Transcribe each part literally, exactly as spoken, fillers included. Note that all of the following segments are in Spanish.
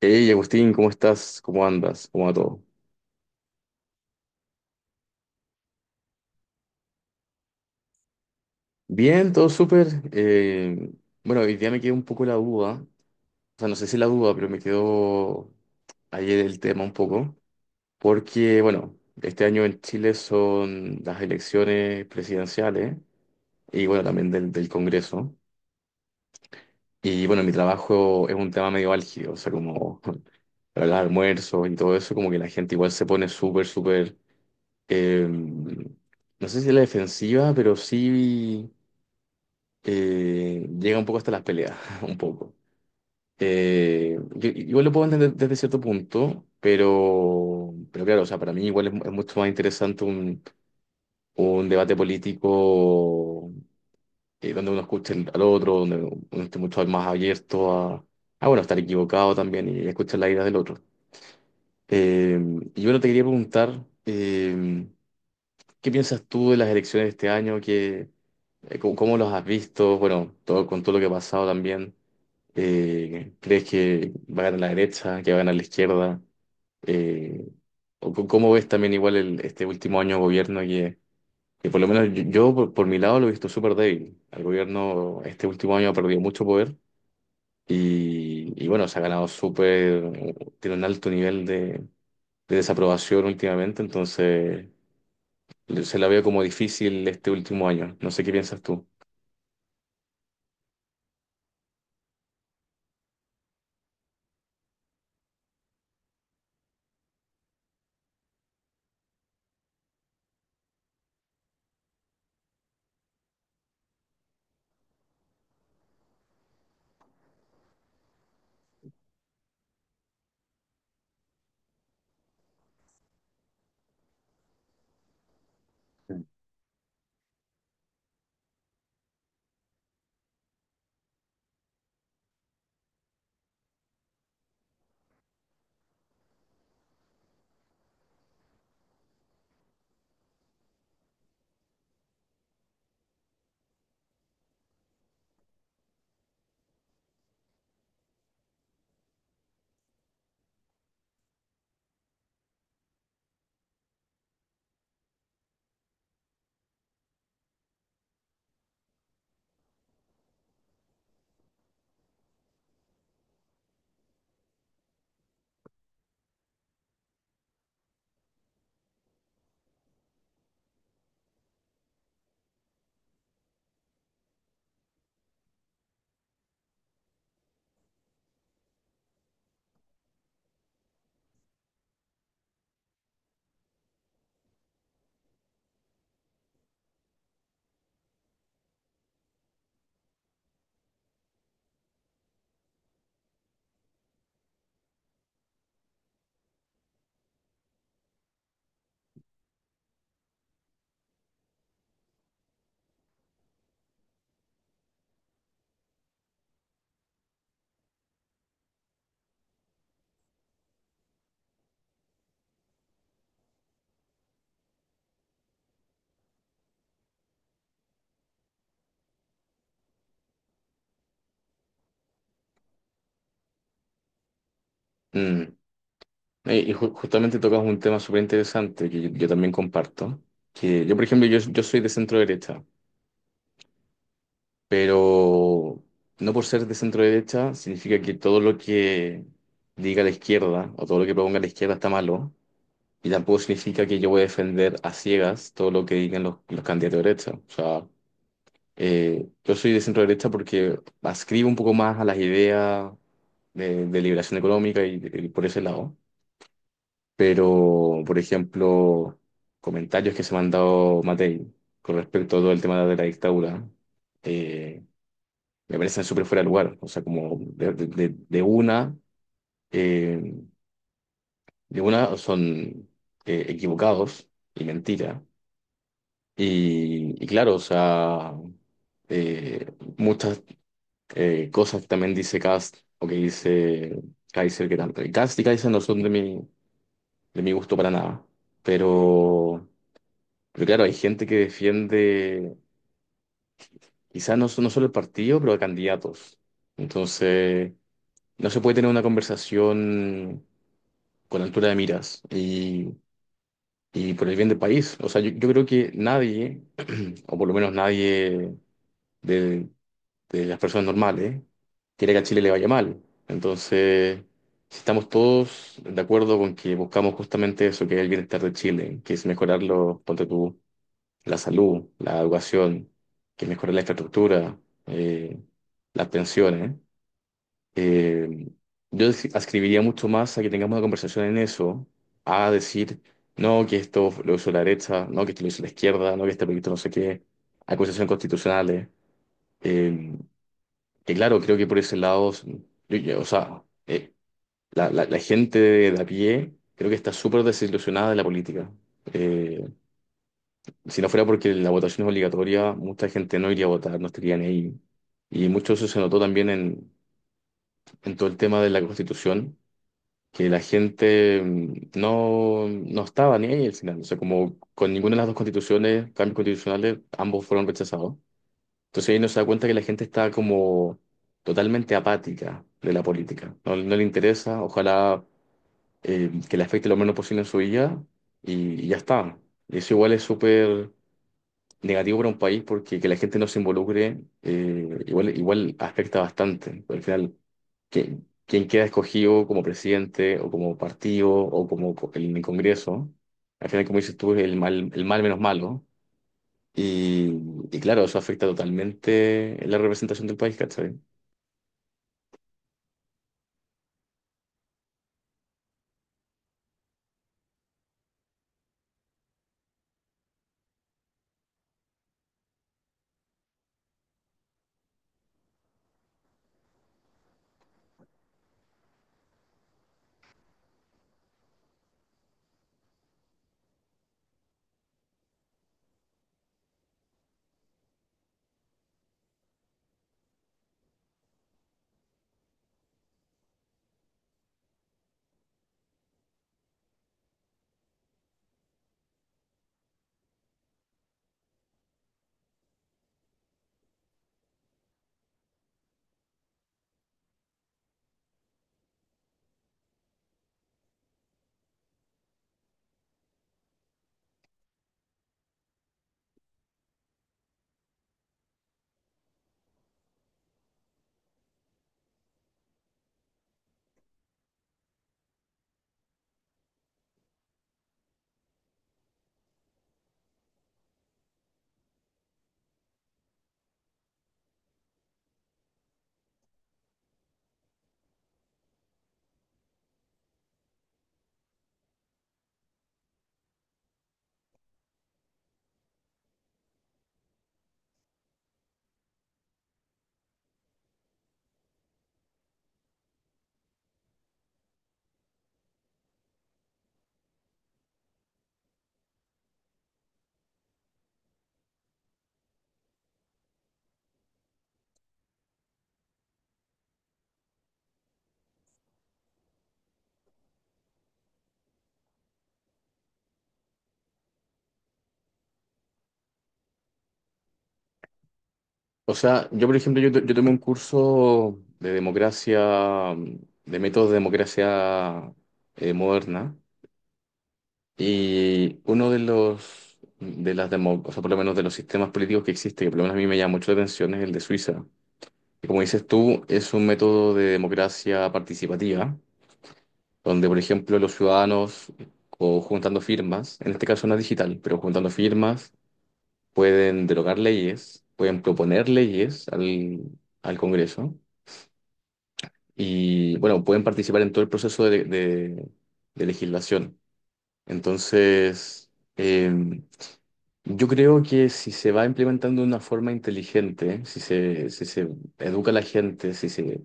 Hey Agustín, ¿cómo estás? ¿Cómo andas? ¿Cómo va todo? Bien, todo súper. Eh, bueno, hoy día me quedó un poco la duda, o sea, no sé si la duda, pero me quedó ayer el tema un poco, porque bueno, este año en Chile son las elecciones presidenciales y bueno, también del, del Congreso. Y bueno, mi trabajo es un tema medio álgido, o sea, como para los almuerzos y todo eso, como que la gente igual se pone súper, súper, em, no sé si a la defensiva, pero sí eh, llega un poco hasta las peleas, un poco. Eh, yo igual lo puedo entender desde cierto punto, pero, pero claro, o sea, para mí igual es, mu- es mucho más interesante un, un debate político eh, donde uno escuche el- al otro, donde uno esté mucho más abierto a, a, bueno, estar equivocado también y escuchar la idea del otro. Eh, y bueno, te quería preguntar, eh, ¿qué piensas tú de las elecciones de este año? ¿Qué, eh, cómo, cómo los has visto? Bueno, todo, con todo lo que ha pasado también. Eh, ¿crees que va a ganar la derecha, que va a ganar la izquierda? Eh, o c- ¿Cómo ves también igual el- este último año de gobierno que, que por lo menos yo, yo por, por mi lado lo he visto súper débil? El gobierno este último año ha perdido mucho poder y, y bueno, se ha ganado súper, tiene un alto nivel de, de desaprobación últimamente, entonces le- se la veo como difícil este último año. No sé qué piensas tú. Mm. Eh, Y ju- justamente tocas un tema súper interesante que yo, yo también comparto. Que yo, por ejemplo, yo, yo soy de centro derecha, pero no por ser de centro derecha significa que todo lo que diga la izquierda o todo lo que proponga la izquierda está malo. Y tampoco significa que yo voy a defender a ciegas todo lo que digan los, los candidatos de derecha. O sea, eh, yo soy de centro derecha porque ascribo un poco más a las ideas de, de liberación económica y y por ese lado. Pero por ejemplo, comentarios que se me han dado Matei con respecto a todo el tema de la dictadura, eh, me parecen súper fuera de lugar, o sea, como de, de- de- de una, eh, de una son eh, equivocados y mentira, y, y claro, o sea, eh, muchas eh, cosas también dice Kast o que dice Kaiser, que tanto, Kast y Kaiser no son de mi, de mi gusto para nada, pero... Pero claro, hay gente que defiende, quizás no, so- no solo el partido, pero a candidatos. Entonces, no se puede tener una conversación con altura de miras y, y por el bien del país. O sea, yo, yo creo que nadie, o por lo menos nadie de, de las personas normales, quiere que a Chile le vaya mal. Entonces, si estamos todos de acuerdo con que buscamos justamente eso, que es el bienestar de Chile, que es mejorarlo, ponte tú la salud, la educación, que mejore la infraestructura, eh, las pensiones. Eh, Em, yo as- ascribiría mucho más a que tengamos una conversación en eso, a decir, no, que esto lo hizo la derecha, no, que esto lo hizo la izquierda, no, que este proyecto no sé qué, acusaciones constitucionales. Eh, que claro, creo que por ese lado, yo- yo- o sea, eh, la, la- la gente de, a pie creo que está súper desilusionada de la política. Eh, si no fuera porque la votación es obligatoria, mucha gente no iría a votar, no estarían ahí. Y mucho eso se notó también en, en todo el tema de la Constitución, que la gente mm, no, no estaba ni ahí al final. O sea, como con ninguna de las dos constituciones, cambios constitucionales, ambos fueron rechazados. Entonces ahí uno se da cuenta que la gente está como totalmente apática de la política. No, no le interesa, ojalá eh, que le afecte lo menos posible en su vida y, y ya está. Y eso igual es súper negativo para un país porque que la gente no se involucre eh, igual, igual afecta bastante. Al final, que, quien queda escogido como presidente o como partido o como co- en el Congreso, al final, como dices tú, es el mal, el mal menos malo. Y, y claro, eso afecta totalmente la representación del país, ¿cachai? O sea, yo, por ejemplo, yo, to- yo tomé un curso de democracia, de métodos de democracia eh, moderna. Y uno de los, de las demo- o sea, por lo menos de los sistemas políticos que existe, que por lo menos a mí me llama mucho la atención, es el de Suiza. Que como dices tú, es un método de democracia participativa, donde, por ejemplo, los ciudadanos, o juntando firmas, en este caso no es digital, pero juntando firmas, pueden derogar leyes, pueden proponer leyes al, al Congreso y, bueno, pueden participar en todo el proceso de, de de legislación. Entonces, em, yo creo que si se va implementando de una forma inteligente, si se, si se educa a la gente, si se,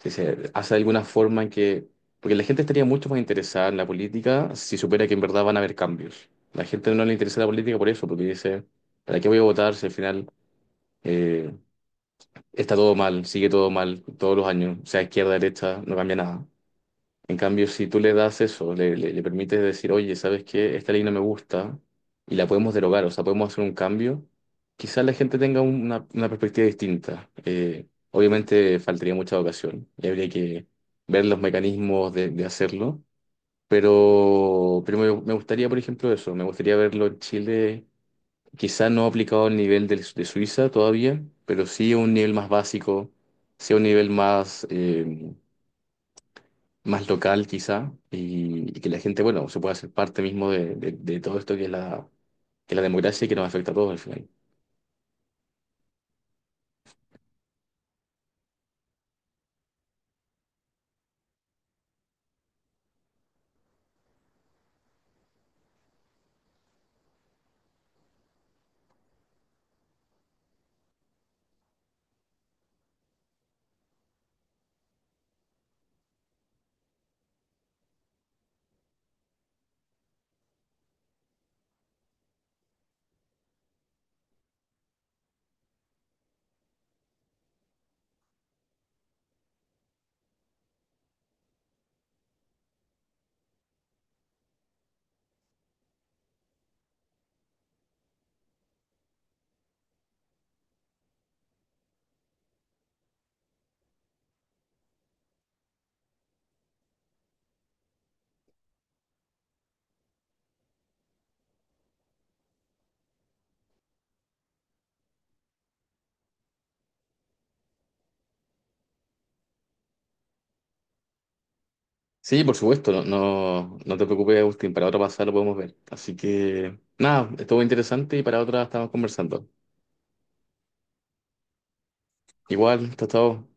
si se hace de alguna forma en que... Porque la gente estaría mucho más interesada en la política si supiera que en verdad van a haber cambios. La gente no le interesa la política por eso, porque dice, ¿para qué voy a votar si al final eh, está todo mal, sigue todo mal todos los años, sea izquierda, derecha, no cambia nada? En cambio, si tú le das eso, le, le, le permites decir, oye, ¿sabes qué? Esta ley no me gusta y la podemos derogar, o sea, podemos hacer un cambio, quizás la gente tenga un- una, una perspectiva distinta. Eh, obviamente faltaría mucha ocasión y habría que ver los mecanismos de, de hacerlo, pero, pero me, me gustaría, por ejemplo, eso, me gustaría verlo en Chile, quizás no aplicado al nivel del- de, Suiza todavía, pero sí a un nivel más básico, sí a un nivel más... eh, más local quizá y, y que la gente, bueno, se pueda hacer parte mismo de, de- de todo esto que es la, que es la democracia y que nos afecta a todos al final. Sí, por supuesto, no, no, no te preocupes, Agustín, para otra pasada lo podemos ver. Así que nada, estuvo interesante y para otra estamos conversando. Igual, hasta luego.